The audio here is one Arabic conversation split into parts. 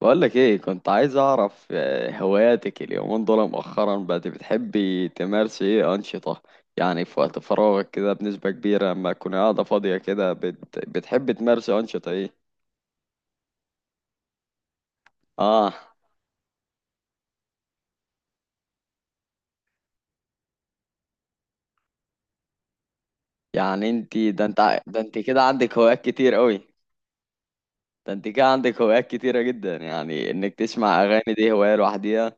بقولك ايه كنت عايز اعرف هواياتك اليومين دول مؤخرا بقت بتحبي تمارسي ايه انشطة، يعني في وقت فراغك كده بنسبة كبيرة لما تكوني قاعدة فاضية كده بتحبي تمارسي انشطة ايه؟ اه. يعني انتي ده انت كده عندك هوايات كتير قوي. ده انت كده عندك هوايات كتيرة جدا، يعني انك تسمع اغاني دي هواية لوحديها،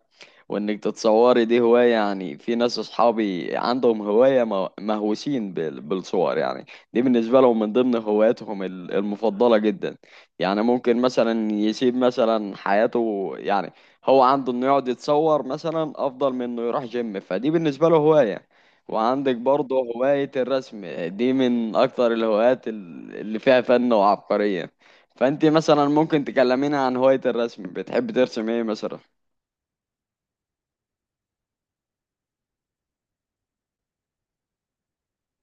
وانك تتصوري دي هواية. يعني في ناس اصحابي عندهم هواية مهووسين بالصور يعني، دي بالنسبة لهم من ضمن هواياتهم المفضلة جدا. يعني ممكن مثلا يسيب مثلا حياته، يعني هو عنده انه يقعد يتصور مثلا افضل من انه يروح جيم، فدي بالنسبة له هواية. وعندك برضه هواية الرسم دي من اكتر الهوايات اللي فيها فن وعبقرية. فانت مثلا ممكن تكلمينا عن هواية الرسم، بتحب ترسم ايه مثلا؟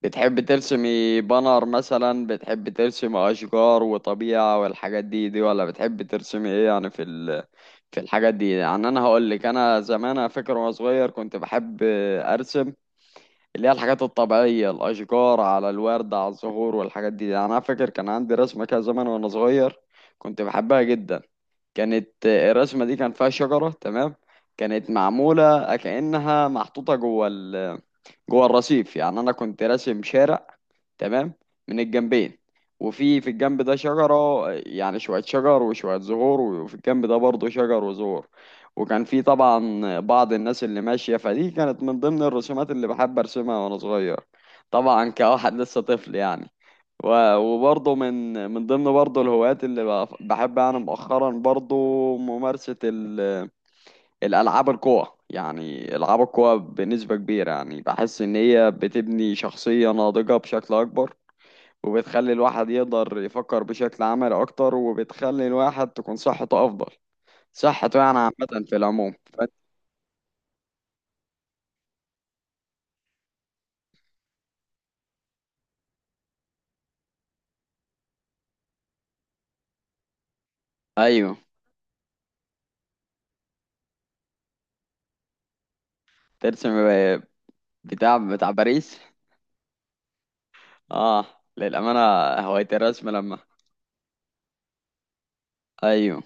بتحب ترسمي بانر مثلا، بتحب ترسمي اشجار وطبيعة والحاجات دي ولا بتحب ترسمي ايه؟ يعني في الحاجات دي. يعني انا هقول لك، انا زمان انا فاكر وانا صغير كنت بحب ارسم اللي هي الحاجات الطبيعية، الاشجار على الورد على الزهور والحاجات دي. يعني انا فاكر كان عندي رسمة كده زمان وانا صغير كنت بحبها جدا. كانت الرسمة دي كان فيها شجرة. تمام. كانت معمولة كأنها محطوطة جوه الرصيف. يعني انا كنت راسم شارع. تمام. من الجنبين. وفي الجنب ده شجرة، يعني شوية شجر وشوية زهور، وفي الجنب ده برضه شجر وزهور. وكان في طبعا بعض الناس اللي ماشية، فدي كانت من ضمن الرسومات اللي بحب أرسمها وأنا صغير، طبعا كواحد لسه طفل يعني. وبرضه من ضمن برضه الهوايات اللي بحب أنا مؤخرا برضه ممارسة الألعاب القوى. يعني ألعاب القوى بنسبة كبيرة، يعني بحس إن هي بتبني شخصية ناضجة بشكل أكبر، وبتخلي الواحد يقدر يفكر بشكل عملي أكتر، وبتخلي الواحد تكون صحته أفضل صحته، يعني عامة في العموم أيوه. ترسم بتاع باريس. آه. للأمانة. هواية الرسم لما. أيوه.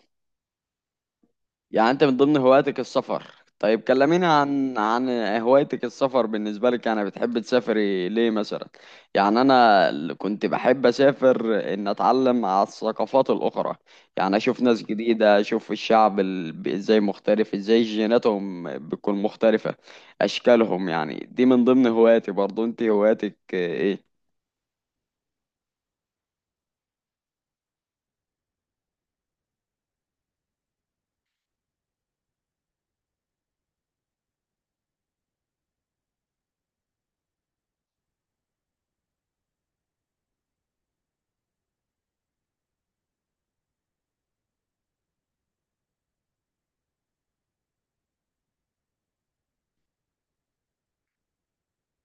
يعني انت من ضمن هواياتك السفر، طيب كلميني عن هوايتك السفر بالنسبة لك. يعني بتحب تسافري ليه مثلا؟ يعني انا كنت بحب اسافر ان اتعلم على الثقافات الاخرى، يعني اشوف ناس جديدة، اشوف الشعب ازاي مختلف، ازاي جيناتهم بتكون مختلفة، اشكالهم. يعني دي من ضمن هواياتي برضو. انت هواياتك ايه؟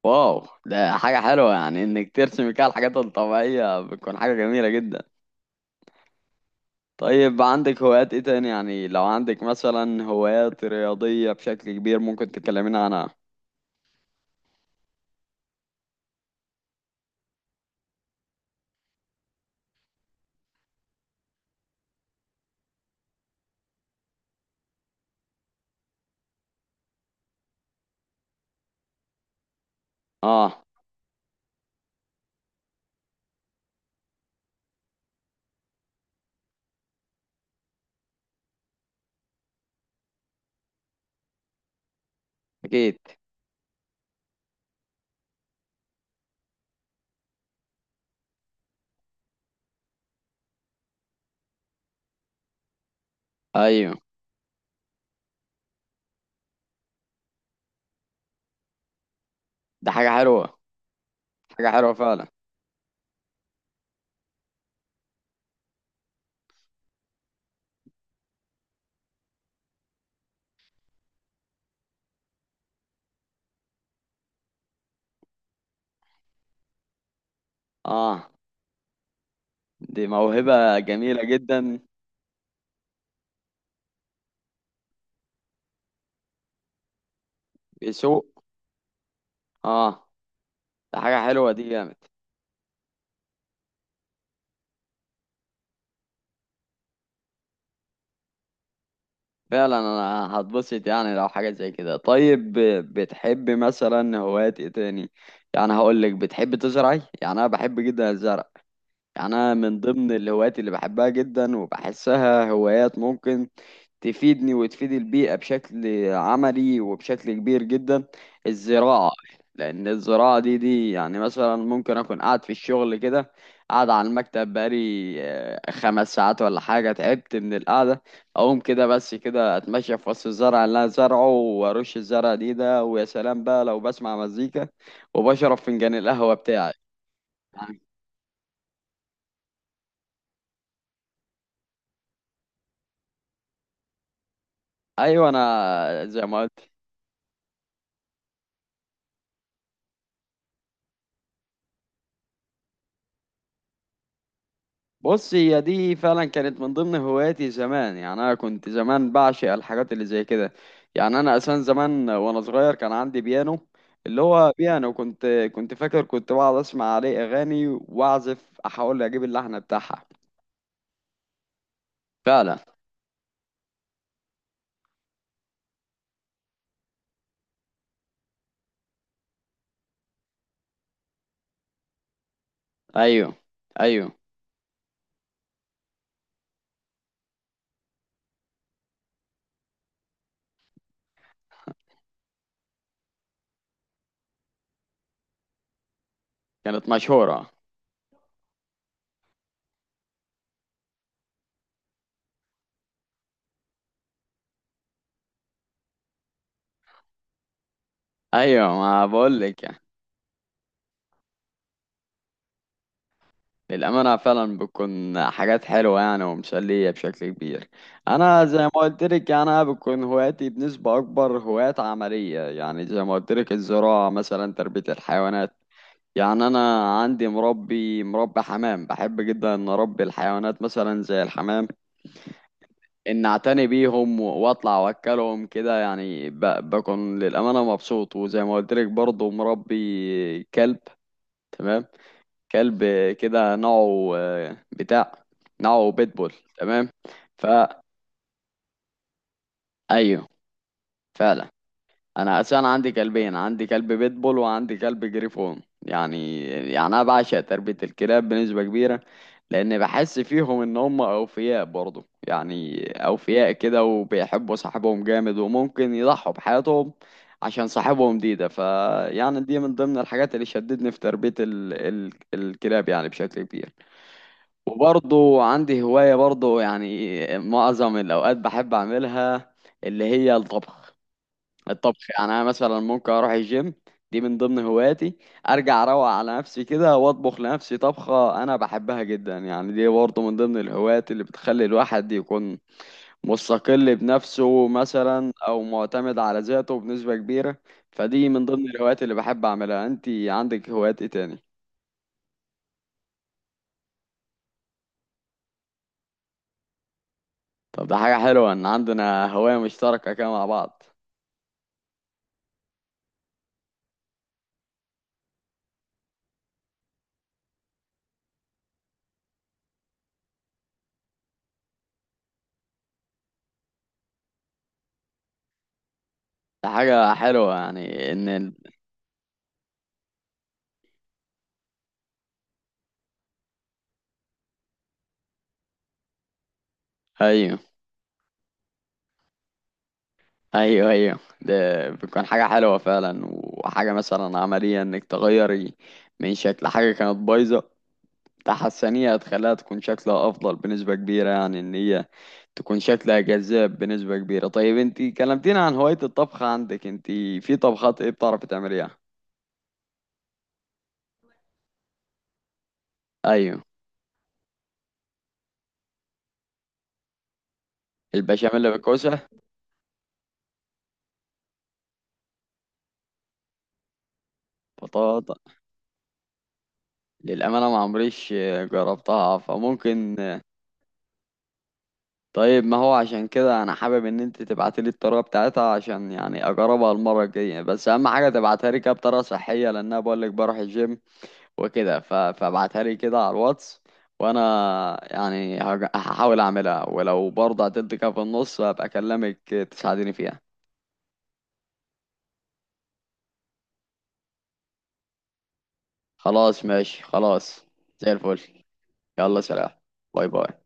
واو ده حاجة حلوة، يعني انك ترسمي كده الحاجات الطبيعية بتكون حاجة جميلة جدا. طيب عندك هوايات ايه تاني؟ يعني لو عندك مثلا هوايات رياضية بشكل كبير ممكن تكلمينا عنها. اه. اكيد. ايوه. ده حاجة حلوة. حاجة حلوة فعلا. اه. دي موهبة جميلة جدا. بسوق. اه. ده حاجة حلوة. دي جامد. فعلا انا هتبسط يعني لو حاجة زي كده. طيب بتحب مثلا هوايات ايه تاني؟ يعني هقول لك بتحب تزرعي، يعني انا بحب جدا الزرع. انا من ضمن الهوايات اللي بحبها جدا وبحسها هوايات ممكن تفيدني وتفيد البيئة بشكل عملي وبشكل كبير جدا، الزراعة. لأن الزراعة دي يعني مثلا ممكن أكون قاعد في الشغل كده، قاعد على المكتب بقالي 5 ساعات ولا حاجة، تعبت من القعدة. أقوم كده بس كده أتمشى في وسط الزرع اللي أنا زارعه وأرش الزرع دي، ويا سلام بقى لو بسمع مزيكا وبشرب فنجان القهوة بتاعي. يعني أيوة. أنا زي ما. بص هي دي فعلا كانت من ضمن هواياتي زمان، يعني انا كنت زمان بعشق الحاجات اللي زي كده. يعني انا اساسا زمان وانا صغير كان عندي بيانو، اللي هو بيانو. كنت فاكر كنت بقعد اسمع عليه اغاني واعزف احاول اجيب اللحن بتاعها. فعلا. ايوه. ايوه. كانت مشهورة. ايوه ما بقولك يعني. للأمانة فعلا بتكون حاجات حلوة، يعني ومسلية بشكل كبير. أنا زي ما قلت لك أنا بتكون هواياتي بنسبة أكبر هوايات عملية، يعني زي ما قلت لك الزراعة مثلا، تربية الحيوانات. يعني أنا عندي مربي حمام، بحب جدا إن أربي الحيوانات مثلا زي الحمام، إن أعتني بيهم وأطلع وأكلهم كده، يعني بكون للأمانة مبسوط. وزي ما قلت لك برضه مربي كلب. تمام. كلب. كده نوعه بتاع. نوعه بيتبول. تمام. فا ايوه. فعلا. انا اساسا عندي كلبين، عندي كلب بيتبول وعندي كلب جريفون. يعني انا بعشق تربية الكلاب بنسبة كبيرة، لان بحس فيهم ان هم اوفياء برضه، يعني اوفياء كده، وبيحبوا صاحبهم جامد وممكن يضحوا بحياتهم عشان صاحبهم. دي فيعني دي من ضمن الحاجات اللي شدتني في تربية الكلاب، يعني بشكل كبير. وبرضه عندي هواية برضه، يعني معظم الأوقات بحب أعملها اللي هي الطبخ. الطبخ، يعني أنا مثلا ممكن أروح الجيم، دي من ضمن هواياتي، أرجع أروق على نفسي كده وأطبخ لنفسي طبخة أنا بحبها جدا. يعني دي برضه من ضمن الهوايات اللي بتخلي الواحد يكون مستقل بنفسه مثلا أو معتمد على ذاته بنسبة كبيرة. فدي من ضمن الهوايات اللي بحب أعملها. أنتي عندك هوايات إيه تاني؟ طب ده حاجة حلوة إن عندنا هواية مشتركة كده مع بعض. ده حاجة حلوة يعني ايوه. ايوه. ايوه. ده بتكون حاجة حلوة فعلا، وحاجة مثلا عملية انك تغيري من شكل حاجة كانت بايظة، تحسنيها هتخليها تكون شكلها افضل بنسبة كبيرة، يعني ان هي تكون شكلها جذاب بنسبة كبيرة. طيب انتي كلمتينا عن هواية الطبخ، عندك انتي في طبخات ايه بتعرفي تعمليها؟ ايوه. البشاميل بالكوسة. بطاطا. للأمانة ما عمريش جربتها فممكن. طيب ما هو عشان كده انا حابب ان انت تبعتي لي الطريقه بتاعتها عشان يعني اجربها المره الجايه. بس اهم حاجه تبعتها لي كده بطريقه صحيه، لان انا بقول لك بروح الجيم وكده. فابعتها لي كده على الواتس، وانا يعني هحاول اعملها. ولو برضه هتدي كده في النص هبقى اكلمك تساعديني فيها. خلاص ماشي. خلاص. زي الفل. يلا سلام. باي باي.